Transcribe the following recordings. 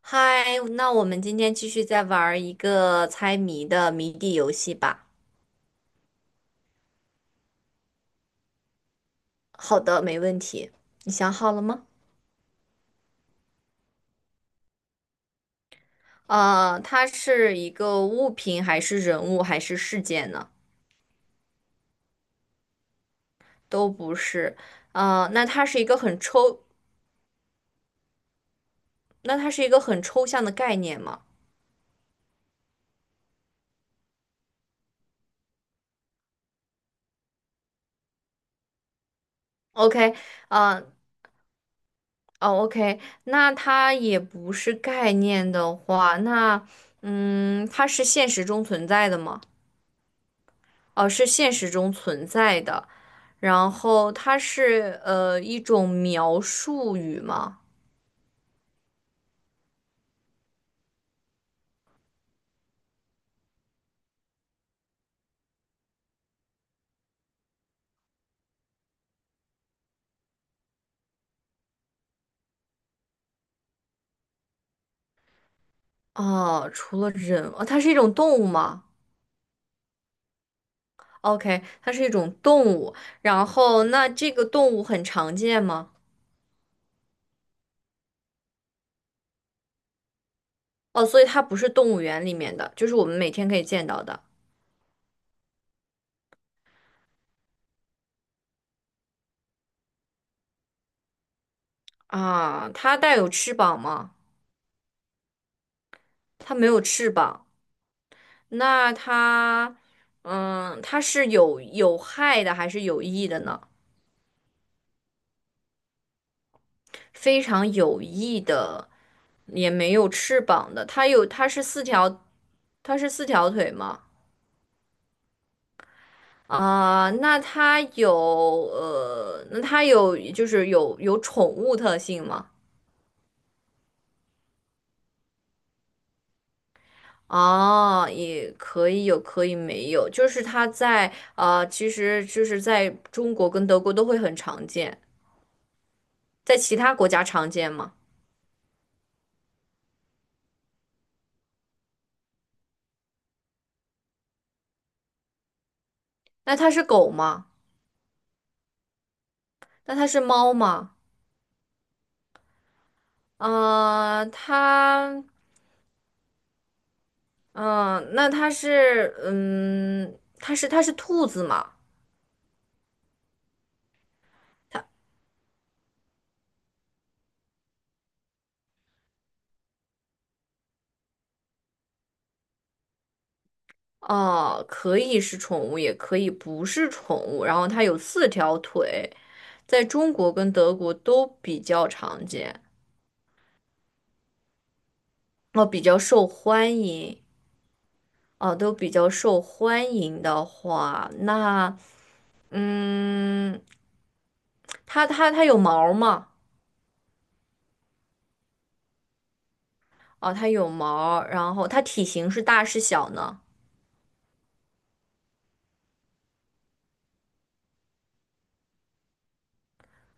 嗨，那我们今天继续再玩儿一个猜谜的谜底游戏吧。好的，没问题。你想好了吗？它是一个物品，还是人物，还是事件呢？都不是。呃，那它是一个很抽，那它是一个很抽象的概念吗？OK。呃，哦，OK。那它也不是概念的话，它是现实中存在的吗？哦，是现实中存在的。然后它是一种描述语吗？哦，除了人，哦，它是一种动物吗？OK，它是一种动物。然后那这个动物很常见吗？哦，所以它不是动物园里面的，就是我们每天可以见到的啊。它带有翅膀吗？它没有翅膀。那它，嗯，它是有害的还是有益的呢？非常有翼的，也没有翅膀的。它是四条腿吗？啊、那它有那它有就是有宠物特性吗？哦，也可以有，可以没有，就是它在啊，其实就是在中国跟德国都会很常见，在其他国家常见吗？那它是狗吗？那它是猫吗？啊，它。嗯，那它是，嗯，它是兔子嘛？哦，可以是宠物，也可以不是宠物。然后它有四条腿，在中国跟德国都比较常见，哦，比较受欢迎，哦，都比较受欢迎的话，嗯，它有毛吗？哦，它有毛，然后它体型是大是小呢？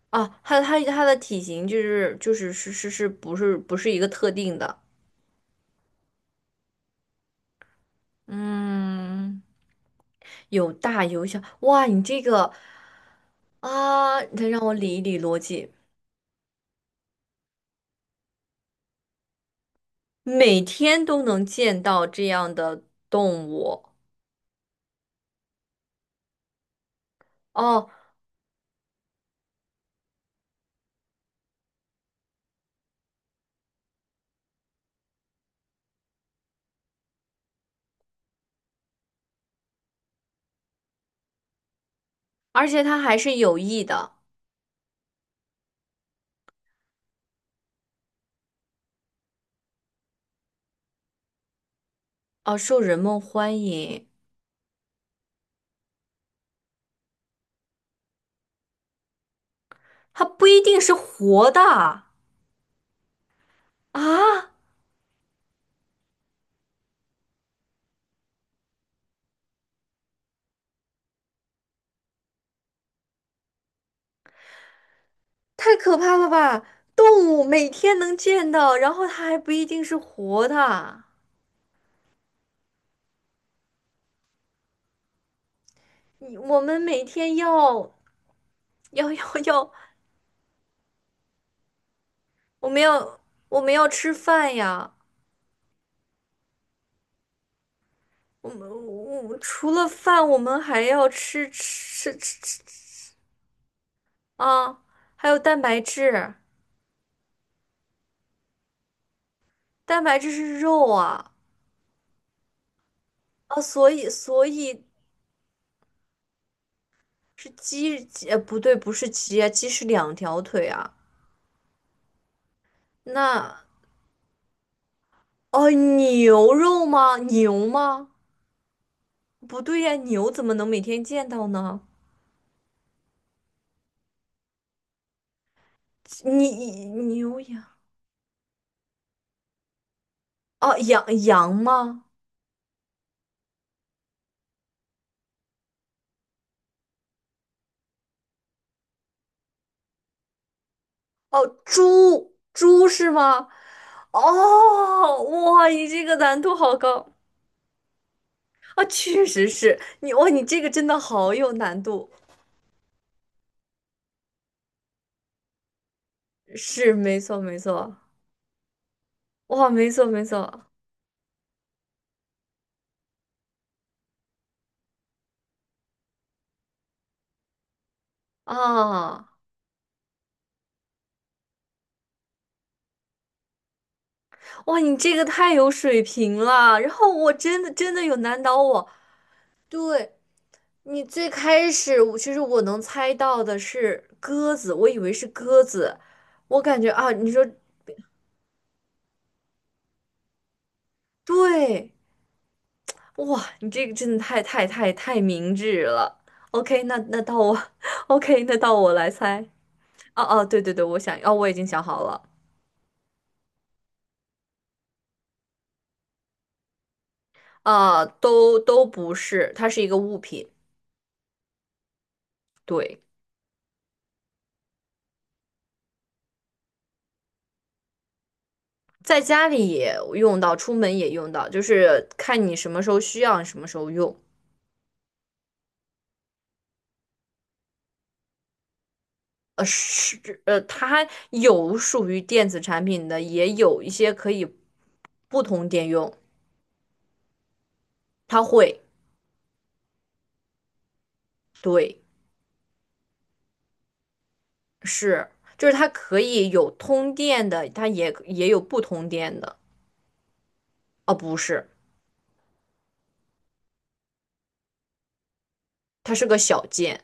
啊，它的体型就是就是是是是不是不是一个特定的。嗯，有大有小，哇，你这个啊，得让我理一理逻辑。每天都能见到这样的动物哦，而且它还是有益的哦，受人们欢迎。它不一定是活的啊，太可怕了吧！动物每天能见到，然后它还不一定是活的。我们每天要要要要，我们要我们要吃饭呀。我们我们除了饭，我们还要吃啊，还有蛋白质，蛋白质是肉啊，啊，所以是鸡，呃不对，不是鸡啊，鸡是两条腿啊。那哦，牛肉吗？牛吗？不对呀，牛怎么能每天见到呢？你牛羊哦，羊吗？哦，猪是吗？哦，哇，你这个难度好高。啊，确实是你哇，你这个真的好有难度，是没错没错，哇，没错没错啊，哇，你这个太有水平了，然后我真的真的有难倒我。对，你最开始我其实我能猜到的是鸽子，我以为是鸽子，我感觉啊，你说对，哇，你这个真的太太太太明智了。OK。那到我 ，OK，那到我来猜。哦、哦、对对对，哦，我已经想好了。都不是，它是一个物品。对，在家里也用到，出门也用到，就是看你什么时候需要，什么时候用。是，它有属于电子产品的，也有一些可以不通电用，它会，对，是，就是它可以有通电的，它也有不通电的，啊，不是，它是个小件，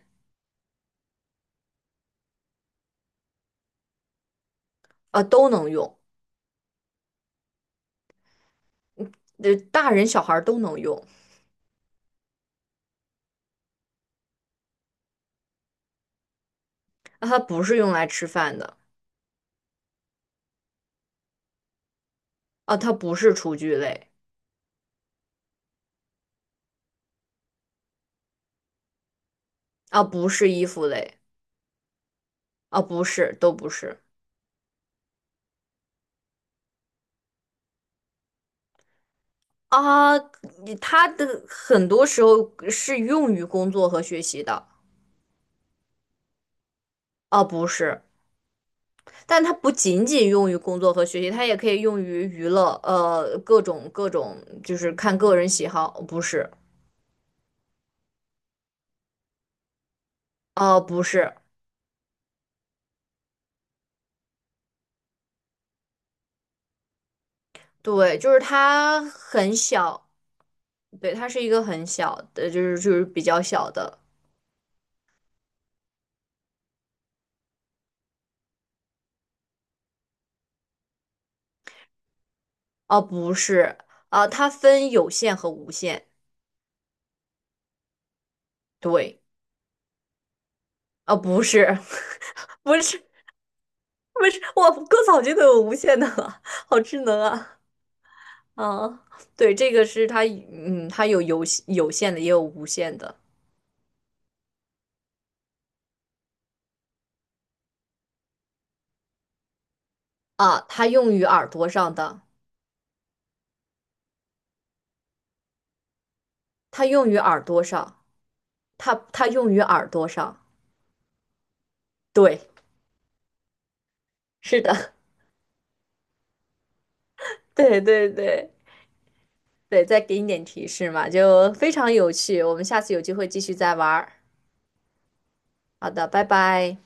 啊，都能用，大人小孩儿都能用，那它不是用来吃饭的。啊，它不是厨具类，啊，不是衣服类，啊，不是，都不是。啊，它的很多时候是用于工作和学习的，啊，不是，但它不仅仅用于工作和学习，它也可以用于娱乐，各种各种，就是看个人喜好，不是，啊，不是，对，就是它很小，对，它是一个很小的，就是比较小的，啊，不是，啊，它分有线和无线，对。啊，不是，不是，不是，我割草机都有无线的了，好智能啊！啊，对，这个是它，嗯，它有有线的，也有无线的啊。它用于耳朵上的，它用于耳朵上，它用于耳朵上。对，是的，对对对对，再给你点提示嘛，就非常有趣。我们下次有机会继续再玩儿。好的，拜拜。